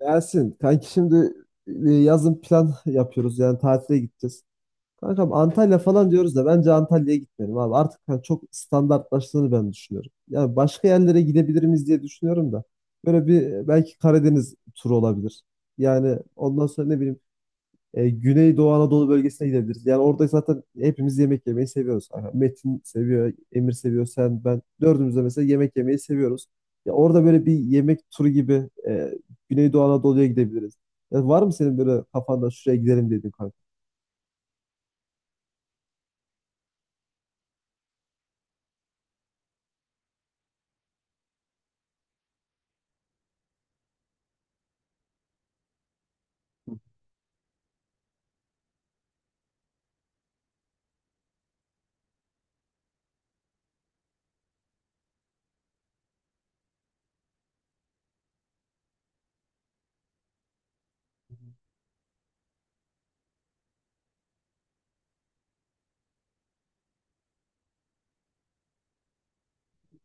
Gelsin. Kanki şimdi yazın plan yapıyoruz. Yani tatile gideceğiz. Kankam Antalya falan diyoruz da bence Antalya'ya gitmeyelim abi. Artık hani çok standartlaştığını ben düşünüyorum. Yani başka yerlere gidebilir miyiz diye düşünüyorum da. Böyle bir belki Karadeniz turu olabilir. Yani ondan sonra ne bileyim Güneydoğu Anadolu bölgesine gidebiliriz. Yani orada zaten hepimiz yemek yemeyi seviyoruz. Aha, Metin seviyor, Emir seviyor, sen, ben. Dördümüz de mesela yemek yemeyi seviyoruz. Ya orada böyle bir yemek turu gibi Güneydoğu Anadolu'ya gidebiliriz. Ya var mı senin böyle kafanda şuraya gidelim dediğin kanka?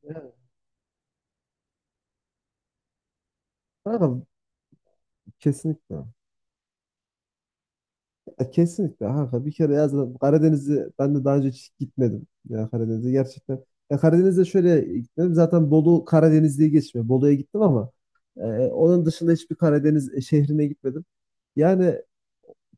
Evet. Kanka kesinlikle. Ya kesinlikle kanka bir kere ya zaten Karadeniz'i ben de daha önce hiç gitmedim. Ya Karadeniz'e gerçekten. Ya Karadeniz'e şöyle gitmedim. Zaten Bolu Karadeniz diye geçmiyor. Bolu'ya gittim ama onun dışında hiçbir Karadeniz şehrine gitmedim. Yani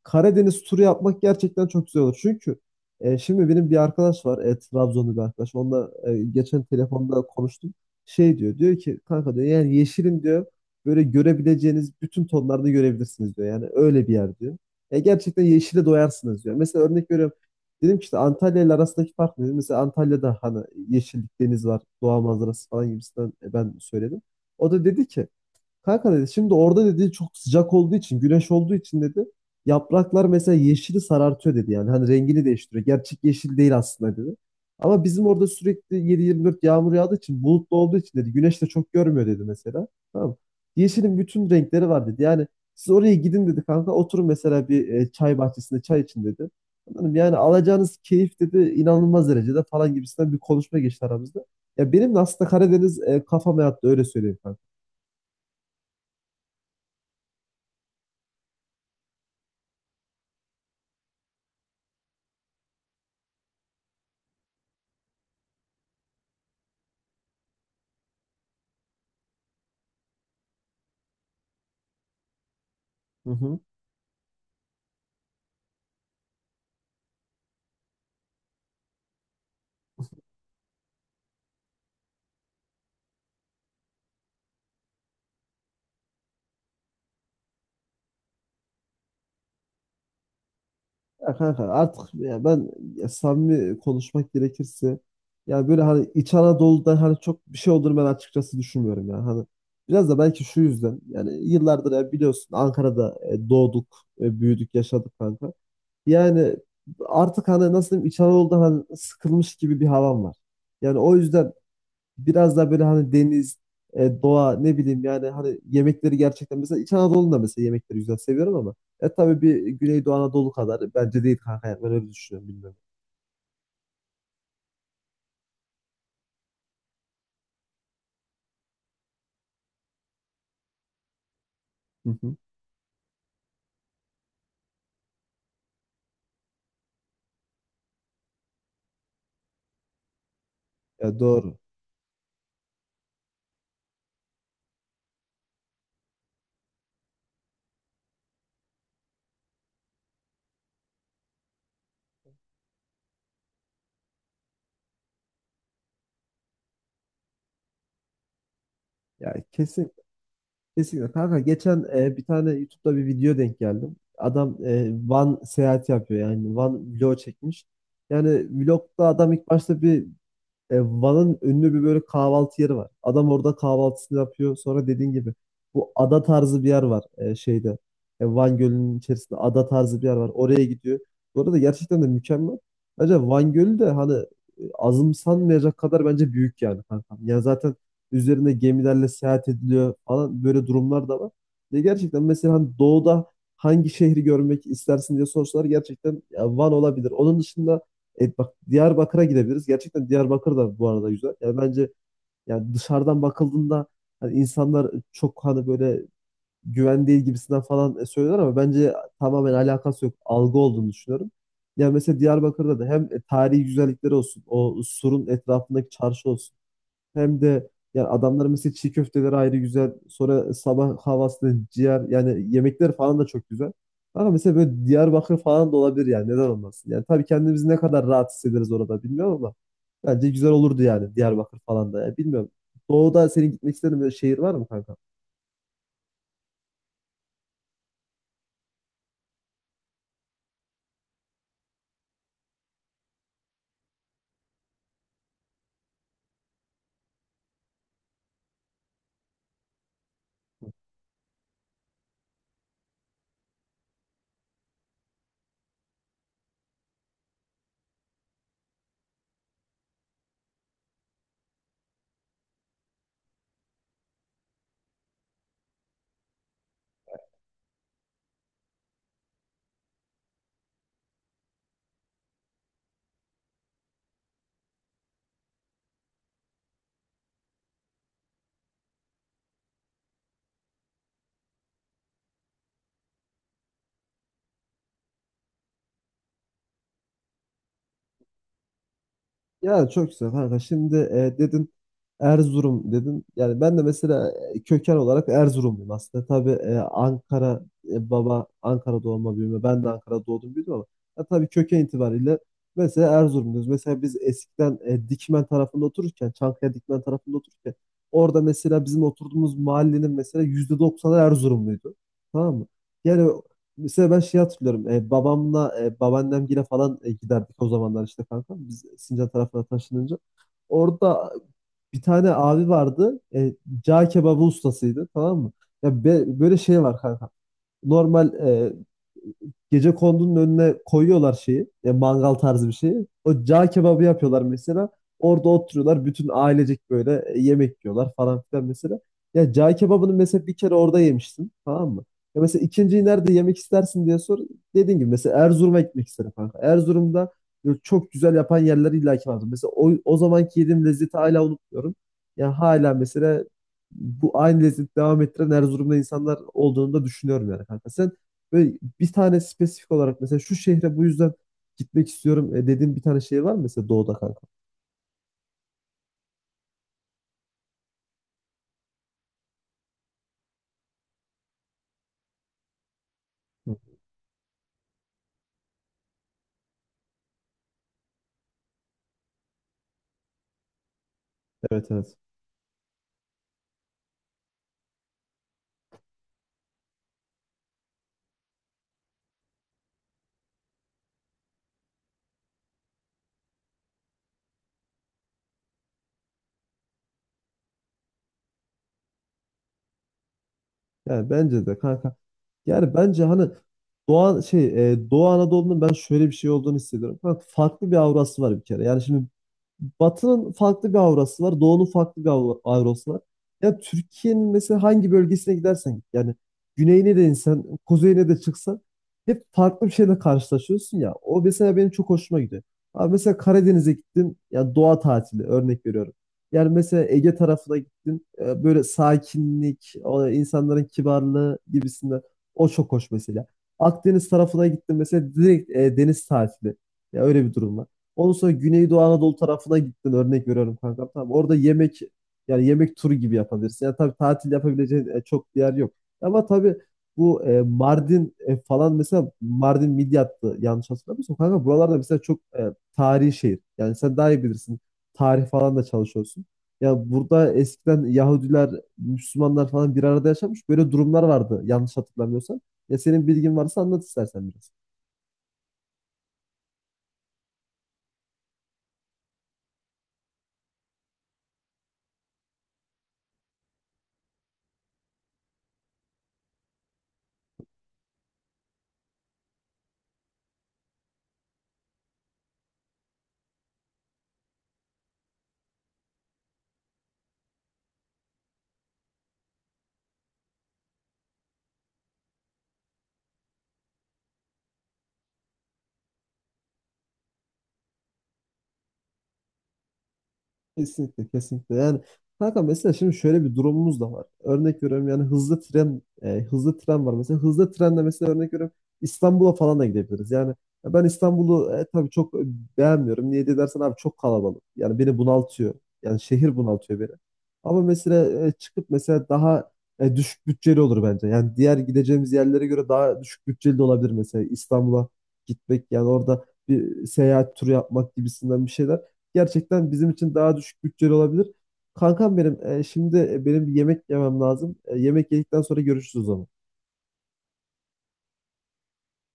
Karadeniz turu yapmak gerçekten çok güzel olur. Çünkü şimdi benim bir arkadaş var. Trabzonlu bir arkadaş. Onunla geçen telefonda konuştum. Şey diyor. Diyor ki kanka diyor yani yeşilin diyor böyle görebileceğiniz bütün tonlarda görebilirsiniz diyor. Yani öyle bir yer diyor. Gerçekten yeşile doyarsınız diyor. Mesela örnek veriyorum. Dedim ki işte Antalya ile arasındaki fark ne, dedim. Mesela Antalya'da hani yeşillik, deniz var, doğa manzarası falan gibisinden ben söyledim. O da dedi ki kanka dedi şimdi orada dedi çok sıcak olduğu için güneş olduğu için dedi yapraklar mesela yeşili sarartıyor dedi yani hani rengini değiştiriyor. Gerçek yeşil değil aslında dedi. Ama bizim orada sürekli 7/24 yağmur yağdığı için bulutlu olduğu için dedi güneş de çok görmüyor dedi mesela. Tamam mı? Yeşilin bütün renkleri var dedi. Yani siz oraya gidin dedi kanka, oturun mesela bir çay bahçesinde çay için dedi. Anladım. Yani alacağınız keyif dedi inanılmaz derecede falan gibisinden bir konuşma geçti aramızda. Ya benim de aslında Karadeniz kafama yattı öyle söyleyeyim kanka. Hı hı. Ya kanka artık ya ben, ya samimi konuşmak gerekirse ya böyle hani İç Anadolu'da hani çok bir şey olduğunu ben açıkçası düşünmüyorum ya. Hani biraz da belki şu yüzden, yani yıllardır ya biliyorsun Ankara'da doğduk, büyüdük, yaşadık kanka. Yani artık hani nasıl diyeyim İç Anadolu'da hani sıkılmış gibi bir havam var. Yani o yüzden biraz daha böyle hani deniz, doğa ne bileyim yani hani yemekleri gerçekten mesela İç Anadolu'nda mesela yemekleri güzel seviyorum ama tabii bir Güneydoğu Anadolu kadar bence değil kanka, yani ben öyle düşünüyorum bilmiyorum. Hı hı. Ya doğru. Ya kesin Kesinlikle kanka, geçen bir tane YouTube'da bir video denk geldim. Adam Van seyahati yapıyor yani Van vlog çekmiş. Yani vlogda adam ilk başta bir, Van'ın ünlü bir böyle kahvaltı yeri var. Adam orada kahvaltısını yapıyor. Sonra dediğin gibi bu ada tarzı bir yer var şeyde. Van Gölü'nün içerisinde ada tarzı bir yer var. Oraya gidiyor. Bu arada gerçekten de mükemmel. Bence Van Gölü de hani azımsanmayacak kadar bence büyük yani kankam. Ya zaten üzerinde gemilerle seyahat ediliyor falan böyle durumlar da var. Ve gerçekten mesela hani doğuda hangi şehri görmek istersin diye sorsalar gerçekten ya Van olabilir. Onun dışında bak Diyarbakır'a gidebiliriz. Gerçekten Diyarbakır da bu arada güzel. Yani bence yani dışarıdan bakıldığında hani insanlar çok hani böyle güven değil gibisinden falan söylüyorlar ama bence tamamen alakası yok. Algı olduğunu düşünüyorum. Yani mesela Diyarbakır'da da hem tarihi güzellikleri olsun, o surun etrafındaki çarşı olsun. Hem de yani adamların mesela çiğ köfteleri ayrı güzel. Sonra sabah havasında ciğer yani yemekler falan da çok güzel. Ama mesela böyle Diyarbakır falan da olabilir yani neden olmasın? Yani tabii kendimizi ne kadar rahat hissederiz orada bilmiyorum ama bence güzel olurdu yani Diyarbakır falan da. Yani bilmiyorum. Doğu'da senin gitmek istediğin bir şehir var mı kanka? Ya çok güzel kanka. Şimdi dedin Erzurum dedin. Yani ben de mesela köken olarak Erzurumluyum aslında. Tabii Ankara baba Ankara doğma büyüme. Ben de Ankara'da doğdum büyüdüm ama ya, tabii köken itibariyle mesela Erzurumluyuz. Mesela biz eskiden Dikmen tarafında otururken, Çankaya Dikmen tarafında otururken orada mesela bizim oturduğumuz mahallenin mesela %90 Erzurumluydu. Tamam mı? Yani mesela ben şey hatırlıyorum. Babamla babaannemgile falan giderdik o zamanlar işte kanka. Biz Sincan tarafına taşınınca, orada bir tane abi vardı. Cağ kebabı ustasıydı, tamam mı? Böyle şey var kanka, normal gecekondunun önüne koyuyorlar şeyi, mangal tarzı bir şeyi. O cağ kebabı yapıyorlar mesela. Orada oturuyorlar. Bütün ailecek böyle yemek yiyorlar falan filan mesela. Ya cağ kebabını mesela bir kere orada yemiştin. Tamam mı? Ya mesela ikinciyi nerede yemek istersin diye sor. Dediğin gibi mesela Erzurum'a gitmek isterim kanka. Erzurum'da böyle çok güzel yapan yerler illaki vardır. Mesela o zamanki yediğim lezzeti hala unutmuyorum. Ya hala mesela bu aynı lezzeti devam ettiren Erzurum'da insanlar olduğunu da düşünüyorum yani kanka. Sen böyle bir tane spesifik olarak mesela şu şehre bu yüzden gitmek istiyorum dediğin bir tane şehir var mı mesela doğuda kanka? Hı, evet evet. Yani bence de kanka. Yani bence hani Doğu Anadolu'nun ben şöyle bir şey olduğunu hissediyorum. Kanka farklı bir aurası var bir kere. Yani şimdi Batı'nın farklı bir aurası var. Doğu'nun farklı bir aurası var. Ya Türkiye'nin mesela hangi bölgesine gidersen git. Yani güneyine de insan, kuzeyine de çıksan hep farklı bir şeyle karşılaşıyorsun ya. O mesela benim çok hoşuma gidiyor. Abi mesela Karadeniz'e gittin ya, doğa tatili, örnek veriyorum. Yani mesela Ege tarafına gittin böyle sakinlik, o insanların kibarlığı gibisinden o çok hoş mesela. Akdeniz tarafına gittin mesela direkt deniz tatili. Ya öyle bir durum var. Ondan sonra Güneydoğu Anadolu tarafına gittin örnek veriyorum kanka. Tamam, orada yemek, yani yemek turu gibi yapabilirsin. Yani tabii tatil yapabileceğin çok bir yer yok. Ama tabii bu Mardin falan, mesela Mardin Midyat'tı yanlış hatırlamıyorsam. Kanka buralarda mesela çok tarihi şehir. Yani sen daha iyi bilirsin. Tarih falan da çalışıyorsun. Ya burada eskiden Yahudiler, Müslümanlar falan bir arada yaşamış. Böyle durumlar vardı yanlış hatırlamıyorsam. Ya senin bilgin varsa anlat istersen biraz. Kesinlikle kesinlikle. Yani kanka mesela şimdi şöyle bir durumumuz da var. Örnek veriyorum, yani hızlı tren var mesela. Hızlı trenle mesela örnek veriyorum İstanbul'a falan da gidebiliriz. Yani ben İstanbul'u tabii çok beğenmiyorum. Niye diye dersen abi çok kalabalık. Yani beni bunaltıyor. Yani şehir bunaltıyor beni. Ama mesela çıkıp mesela daha düşük bütçeli olur bence. Yani diğer gideceğimiz yerlere göre daha düşük bütçeli de olabilir mesela İstanbul'a gitmek, yani orada bir seyahat turu yapmak gibisinden bir şeyler gerçekten bizim için daha düşük bütçeli olabilir. Kankam benim, şimdi benim bir yemek yemem lazım. Yemek yedikten sonra görüşürüz o zaman.